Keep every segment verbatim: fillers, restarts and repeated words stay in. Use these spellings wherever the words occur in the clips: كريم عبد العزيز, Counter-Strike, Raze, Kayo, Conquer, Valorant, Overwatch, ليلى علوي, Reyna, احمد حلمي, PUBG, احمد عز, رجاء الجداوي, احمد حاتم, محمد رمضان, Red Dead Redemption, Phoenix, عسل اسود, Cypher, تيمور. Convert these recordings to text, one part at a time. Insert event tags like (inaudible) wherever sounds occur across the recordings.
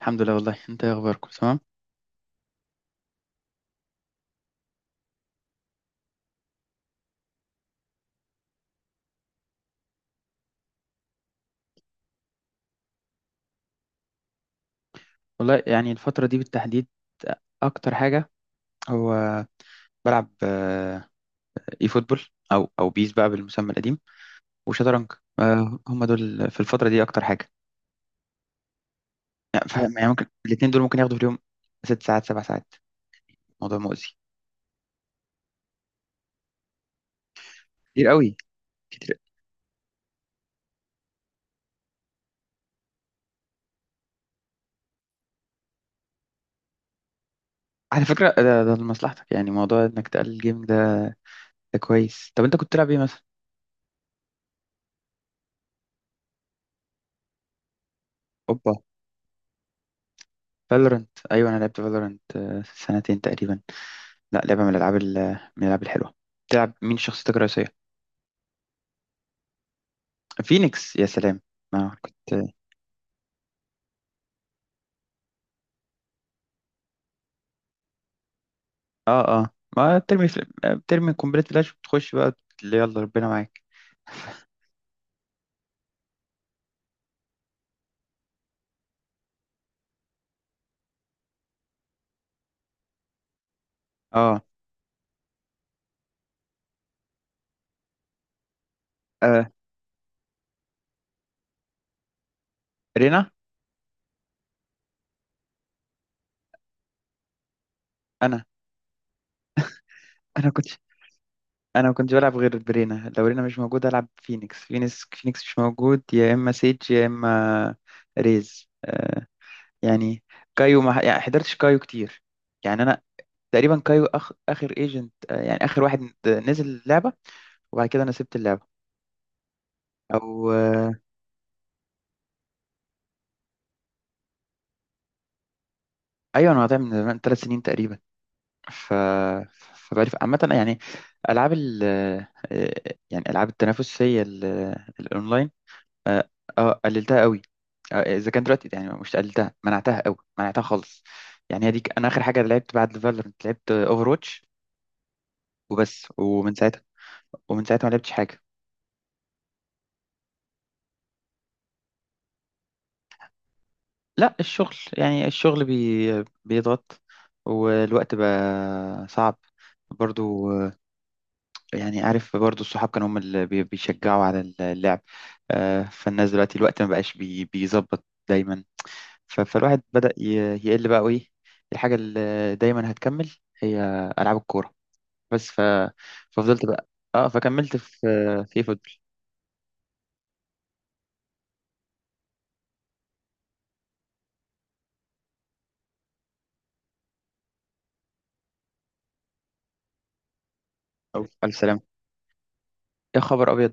الحمد لله، والله انت ايه، اخباركم تمام. والله يعني الفتره دي بالتحديد اكتر حاجه هو بلعب آه، اي فوتبول او او بيس بقى بالمسمى القديم وشطرنج. آه، هم دول في الفتره دي اكتر حاجه. يعني ف- يعني ممكن الاثنين دول ممكن ياخدوا في اليوم ست ساعات سبع ساعات. موضوع مؤذي. كتير قوي، كتير. على فكره ده ده لمصلحتك، يعني موضوع انك تقلل الجيمنج ده. ده كويس. طب انت كنت تلعب ايه مثلا؟ اوبا. فالورنت، ايوه انا لعبت فالورنت آه، سنتين تقريبا. لا، لعبه من الالعاب ال- من الالعاب الحلوه. تلعب مين شخصيتك الرئيسيه؟ فينيكس يا سلام. ما كنت. اه، اه. ما بترمي في... بترمي قنبلة فلاش وبتخش بقى، اللي يلا ربنا معاك. اه، آه. رينا. انا انا كنت انا ما كنتش بلعب غير برينا، لو رينا مش موجود العب فينيكس، فينيكس فينيكس مش موجود، يا اما سيج يا اما ريز. آه. يعني كايو، ما يعني حضرتش كايو كتير، يعني انا تقريبا كايو أخ... اخر ايجنت. آه. يعني اخر واحد نزل اللعبة، وبعد كده انا سبت اللعبة. او آه. ايوه انا قاطع من ثلاث سنين تقريبا. ف فبقى عامة، يعني ألعاب ال آه، يعني ألعاب التنافسية ال- الأونلاين. اه، آه، قللتها قوي. آه، إذا كان دلوقتي يعني، مش قللتها، منعتها قوي، منعتها خالص. يعني هي دي، أنا آخر حاجة لعبت بعد فالورنت لعبت أوفر واتش وبس. ومن ساعتها ومن ساعتها ما لعبتش حاجة. لا، الشغل يعني الشغل بي بيضغط، والوقت بقى صعب. برضو يعني، عارف، برضو الصحاب كانوا هم اللي بي- بيشجعوا على اللعب. آه، فالناس دلوقتي، الوقت ما بقاش بي- بيظبط دايما. ف- فالواحد بدأ ي- يقل بقى وإيه. الحاجة اللي دايما هتكمل هي ألعاب الكورة بس. ف... ففضلت بقى، اه فكملت في في إيه، فوتبول. أو في ألف سلامة. يا خبر أبيض.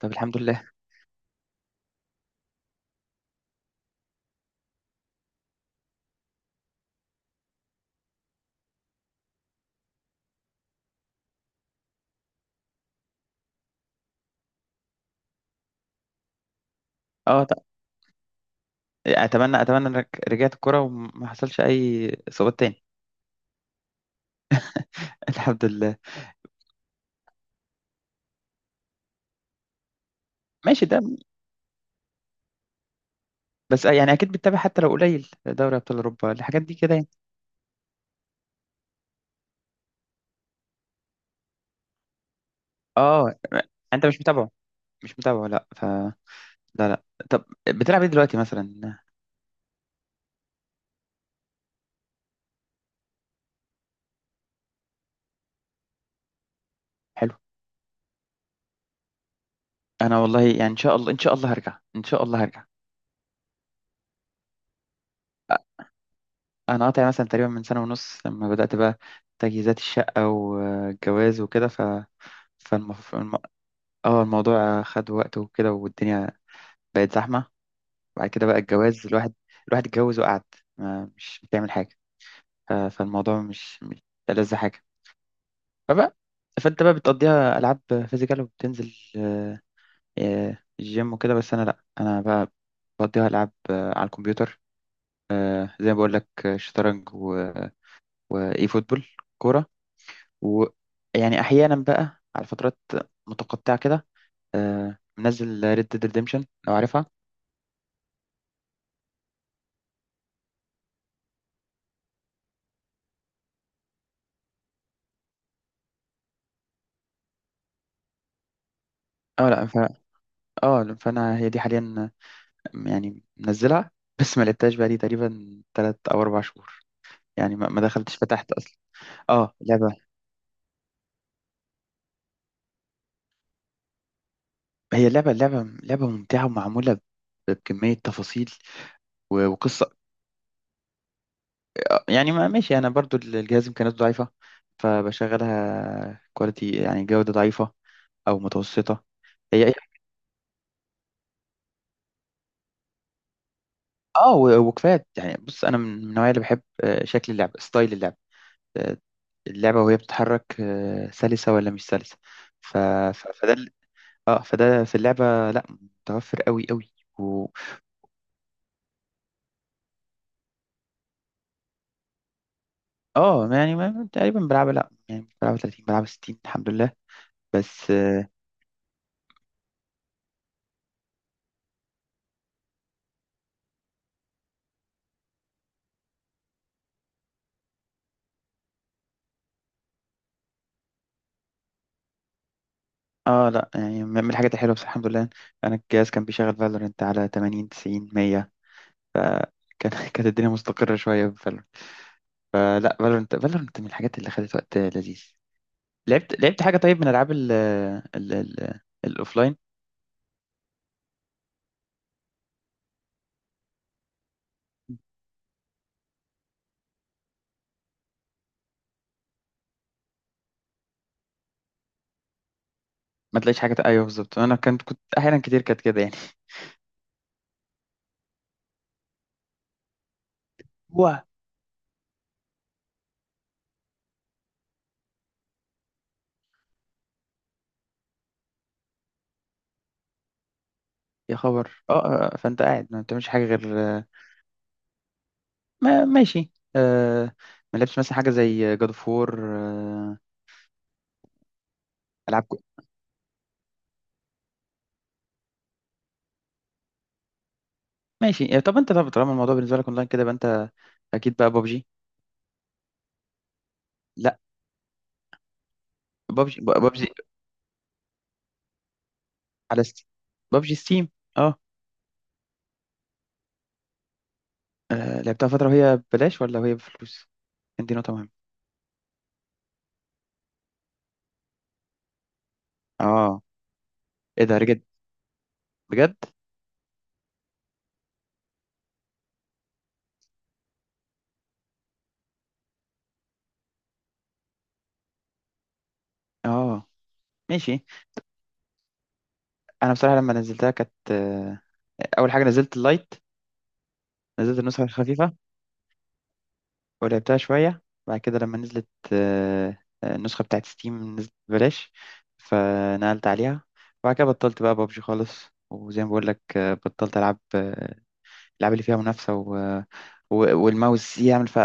طب الحمد لله. اه ط- أتمنى أتمنى إنك رجعت الكورة وما حصلش أي إصابات تاني. (laughs) الحمد لله. ماشي، ده بس يعني أكيد بتتابع حتى لو قليل، دوري أبطال أوروبا، الحاجات دي كده يعني. اه انت مش متابعه، مش متابعه، لا ف لا، لا. طب بتلعب ايه دلوقتي مثلا؟ حلو. انا والله يعني ان شاء الله، ان شاء الله هرجع، ان شاء الله هرجع. أ- انا قاطع مثلا تقريبا من سنة ونص، لما بدأت بقى تجهيزات الشقة والجواز وكده. ف فالمف... الم... اه الموضوع خد وقت وكده، والدنيا بقت زحمة. بعد كده بقى الجواز، الواحد الواحد اتجوز وقعد، ما مش بتعمل حاجة. ف... فالموضوع مش مش ألذ حاجة. فبقى فانت بقى بتقضيها العاب فيزيكال، وبتنزل آه، الجيم وكده. بس انا لا، انا بقى بقضيها العاب آه، على الكمبيوتر، آه، زي ما بقول لك، آه، شطرنج و... واي فوتبول، كوره. ويعني احيانا بقى على فترات متقطعه كده، آه، منزل ريد ديد ريديمشن لو عارفها. اه لا ف... اه فانا هي دي حاليا آه، يعني منزلها (laughs) بس ما لعبتهاش بقى لي تقريبا تلات او اربع شهور، يعني ما ما دخلتش فتحت اصلا. اه لعبه، هي لعبه، لعبه لعبه ممتعه ومعموله ب- بكمية تفاصيل و- وقصة. يعني ما ماشي، انا برضو الجهاز امكانياته ضعيفه، فبشغلها كواليتي يعني جوده ضعيفه او متوسطه. هي هي- اه و- وكفايات يعني. بص انا من من النوعيه اللي بحب آه، شكل اللعب، ستايل اللعب، آه، اللعبه وهي بتتحرك، آه، سلسه ولا مش سلسه. ف... ف... فده ال- اه فده في اللعبه لا، متوفر قوي قوي. و... اه يعني ما... تقريبا بلعبها، لا يعني بلعبها تلاتين بلعبها ستين الحمد لله بس. اه لا، يعني من من الحاجات الحلوه، بس الحمد لله. انا الجهاز كان بيشغل فالورنت على تمانين تسعين مية. فكان (laughs) كانت الدنيا مستقره شويه بفالورنت، فلا، فالورنت فالورنت من الحاجات اللي خدت وقت لذيذ. لعبت لعبت حاجه طيب من العاب ال ال ال الاوفلاين. ما تلاقيش حاجه، ايوه بالظبط انا كنت كنت احيانا كتير كانت كده يعني. واه (laughs) يا خبر، اه، آه، آه، فانت قاعد ما بتعملش حاجه غير آه، ما ماشي، آه، ما لعبتش مثلا حاجه زي جاد اوف وور، العاب. ماشي إيه، طب انت طب طالما الموضوع بالنسبه لك اونلاين كده يبقى انت اكيد بقى ببجي. لا، ببجي، ببجي على ستيم، ببجي ستيم. اه، آه، لعبتها فتره، وهي ببلاش ولا وهي بفلوس؟ كان دي نقطه مهمه. اه ايه ده، بجد، بجد؟ اه ماشي. انا بصراحه لما نزلتها كانت آه، اول حاجه نزلت اللايت، نزلت النسخه الخفيفه. ولعبتها شويه، بعد كده لما نزلت آه، آه، النسخه بتاعت ستيم نزلت ببلاش فنقلت عليها. وبعد كده بطلت بقى ببجي خالص. وزي ما بقول لك آه، بطلت العب آه، اللعبة اللي فيها منافسة و... و... والماوس يعمل، ف...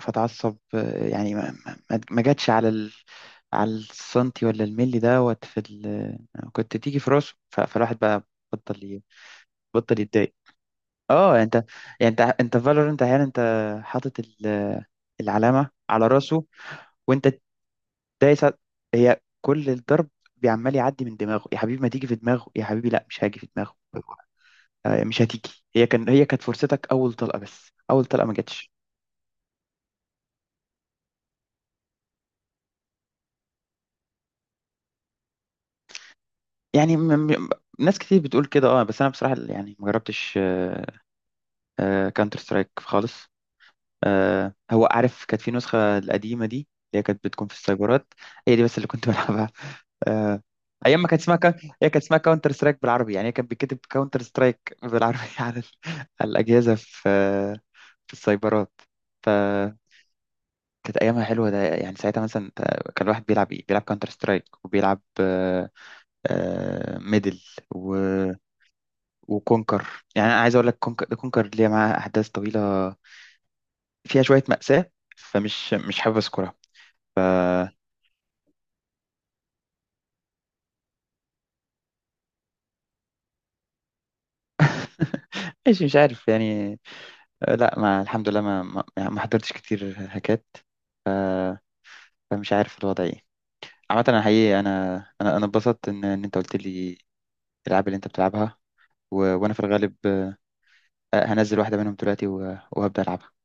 فتعصب. يعني ما, ما... ما جاتش على ال... على السنتي ولا الملي دوت في ال... كنت تيجي في راسه. ف... فالواحد بقى بطل ي... بطل يتضايق. اه يعني انت، يعني انت انت فالور انت احيانا انت حاطط ال... العلامة على راسه، وانت دايس على- هي كل الضرب بيعمال يعدي من دماغه. يا حبيبي ما تيجي في دماغه، يا حبيبي لا، مش هاجي في دماغه، آه، مش هتيجي. هي كان هي كانت فرصتك، اول طلقه، بس اول طلقه ما جاتش. يعني م... م... ناس كتير بتقول كده. اه بس انا بصراحه يعني ما جربتش كانتر سترايك خالص. آه، هو عارف، كانت في نسخه القديمه دي اللي هي كانت بتكون في السايبرات، هي دي بس اللي كنت (laughs) بلعبها. آه، ايام ما كانت اسمها كا... هي كانت اسمها كاونتر سترايك بالعربي، يعني هي كانت بتكتب كاونتر سترايك بالعربي (laughs) على ال... على الاجهزه في في السايبرات. فكانت ايامها حلوه، ده يعني ساعتها مثلا انت- كان الواحد بيلعب ايه، بيلعب كاونتر سترايك، وبيلعب آه، آه، ميدل، وكونكر. يعني انا عايز اقول لك، كونكر كونكر ليها معاها احداث طويله فيها شويه مأساة، فمش مش حابب اذكرها. (laughs) ماشي، مش عارف يعني. آه، لا ما الحمد لله، ما ما, يعني ما حضرتش كتير هكات. ف... فمش عارف الوضع ايه. عامة انا حقيقي، انا انا انا اتبسطت ان ان انت قلت لي الالعاب اللي انت بتلعبها. و... وانا في الغالب آه، هنزل واحدة منهم دلوقتي و... وهبدأ العبها.